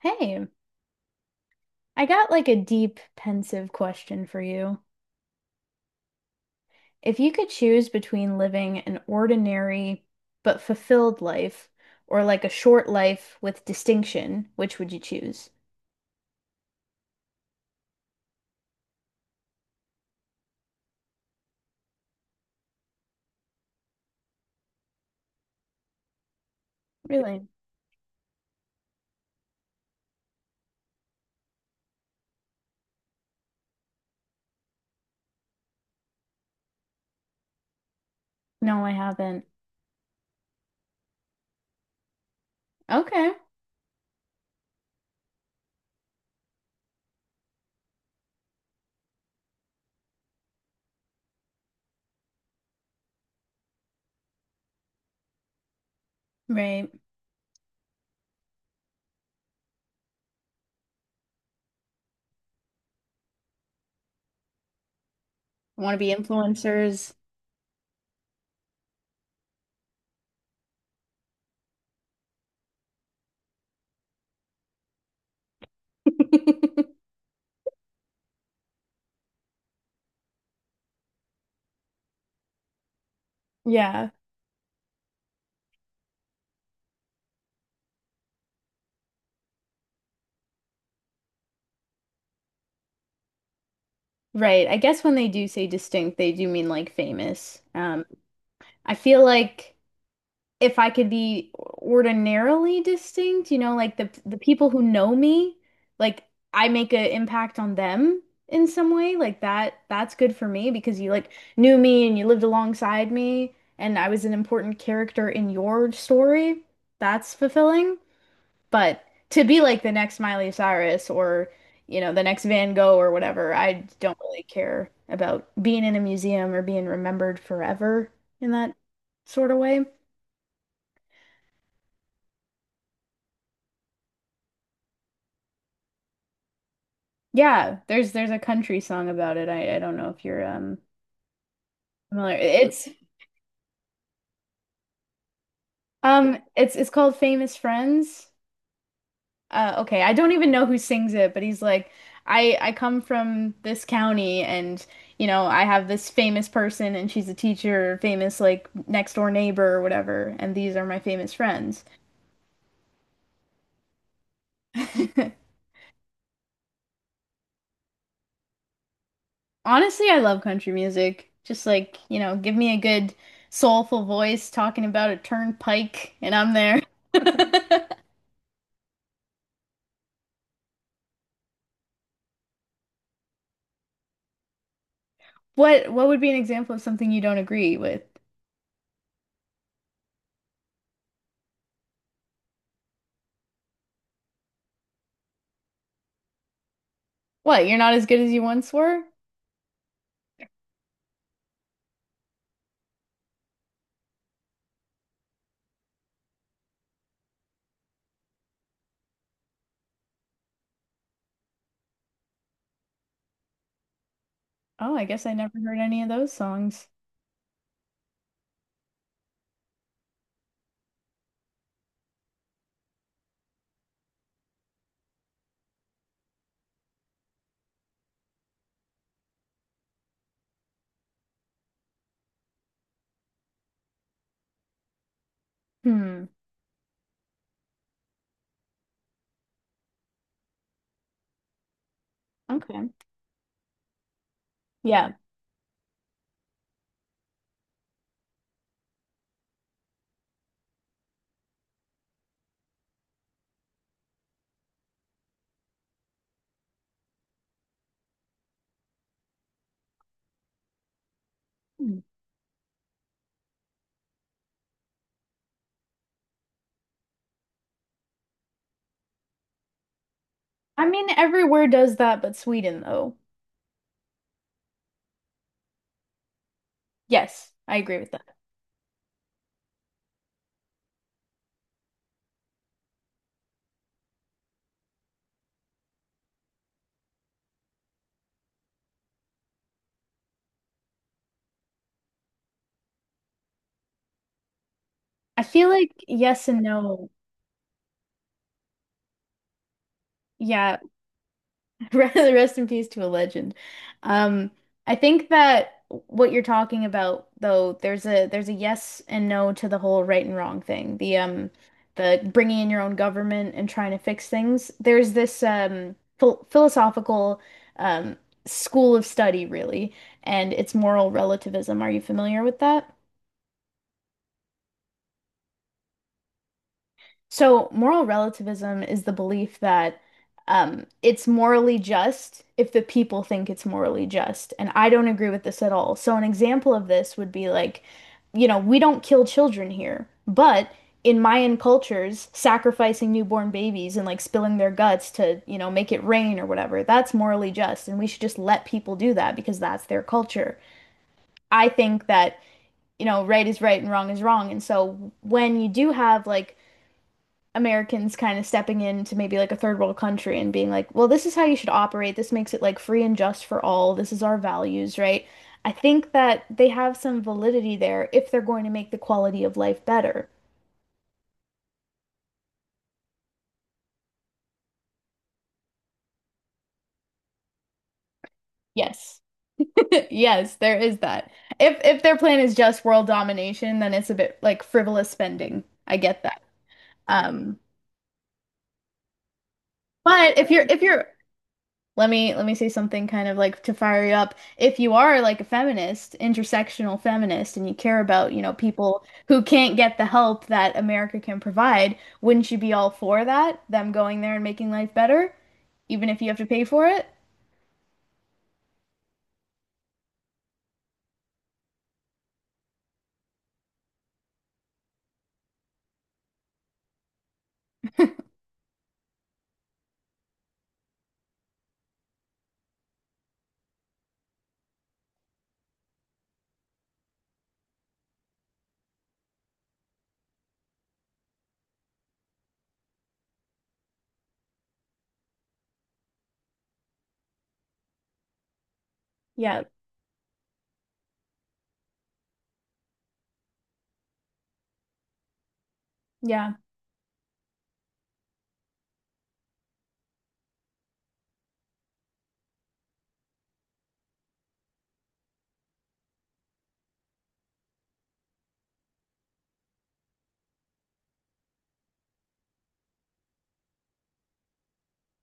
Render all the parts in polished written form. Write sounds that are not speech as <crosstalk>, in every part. Hey, I got like a deep, pensive question for you. If you could choose between living an ordinary but fulfilled life or like a short life with distinction, which would you choose? Really? No, I haven't. Okay. Right. Want to be influencers? <laughs> Yeah. Right. I guess when they do say distinct, they do mean like famous. I feel like if I could be ordinarily distinct, like the people who know me, like I make an impact on them in some way, like that's good for me because you like knew me and you lived alongside me and I was an important character in your story. That's fulfilling. But to be like the next Miley Cyrus or, you know, the next Van Gogh or whatever, I don't really care about being in a museum or being remembered forever in that sort of way. Yeah, there's a country song about it. I don't know if you're familiar. It's it's called Famous Friends. Okay, I don't even know who sings it, but he's like, I come from this county and you know, I have this famous person and she's a teacher, famous like next door neighbor or whatever, and these are my famous friends. <laughs> Honestly, I love country music. Just like, you know, give me a good soulful voice talking about a turnpike and I'm there. <laughs> What would be an example of something you don't agree with? What, you're not as good as you once were? Oh, I guess I never heard any of those songs. Hmm. Okay. Yeah. Hmm. I mean, everywhere does that, but Sweden though. Yes, I agree with that. I feel like yes and no. Yeah. <laughs> Rest in peace to a legend. Um, I think that what you're talking about, though, there's a yes and no to the whole right and wrong thing. The bringing in your own government and trying to fix things. There's this philosophical um school of study, really, and it's moral relativism. Are you familiar with that? So, moral relativism is the belief that it's morally just if the people think it's morally just. And I don't agree with this at all. So, an example of this would be like, you know, we don't kill children here, but in Mayan cultures, sacrificing newborn babies and like spilling their guts to, you know, make it rain or whatever, that's morally just. And we should just let people do that because that's their culture. I think that, you know, right is right and wrong is wrong. And so, when you do have like, Americans kind of stepping into maybe like a third world country and being like, well, this is how you should operate. This makes it like free and just for all. This is our values, right? I think that they have some validity there if they're going to make the quality of life better. Yes. <laughs> Yes, there is that. If their plan is just world domination, then it's a bit like frivolous spending. I get that. Um, but if you're let me say something kind of like to fire you up. If you are like a feminist, intersectional feminist, and you care about, you know, people who can't get the help that America can provide, wouldn't you be all for that? Them going there and making life better, even if you have to pay for it? Yeah, yeah.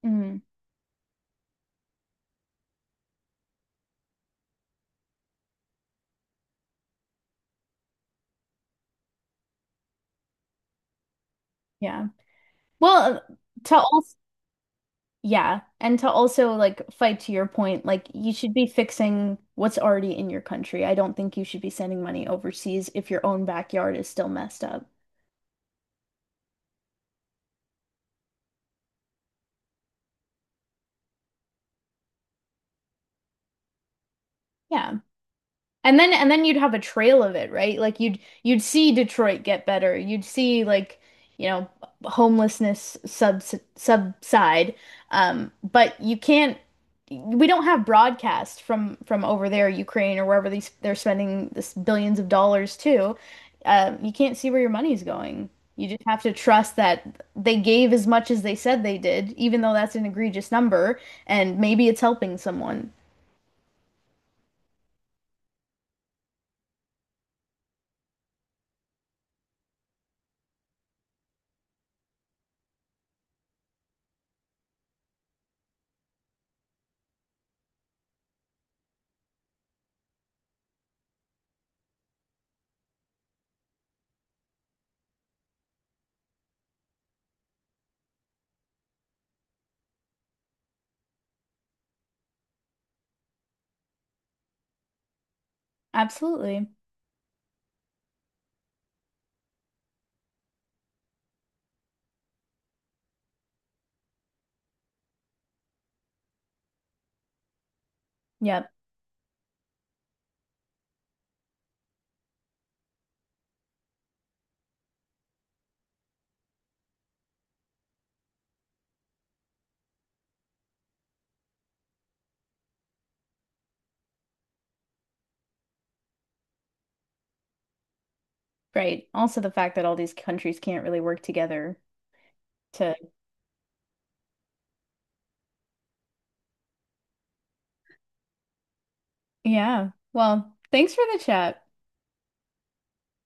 Mm, yeah. Well, to also, yeah, and to also like fight to your point, like you should be fixing what's already in your country. I don't think you should be sending money overseas if your own backyard is still messed up. Yeah. And then you'd have a trail of it, right? Like you'd see Detroit get better. You'd see like, you know, homelessness subside. But you can't We don't have broadcast from over there, Ukraine or wherever these they're spending this billions of dollars to. You can't see where your money's going. You just have to trust that they gave as much as they said they did, even though that's an egregious number, and maybe it's helping someone. Absolutely. Yep. Right. Also, the fact that all these countries can't really work together to, yeah. Well, thanks for the chat.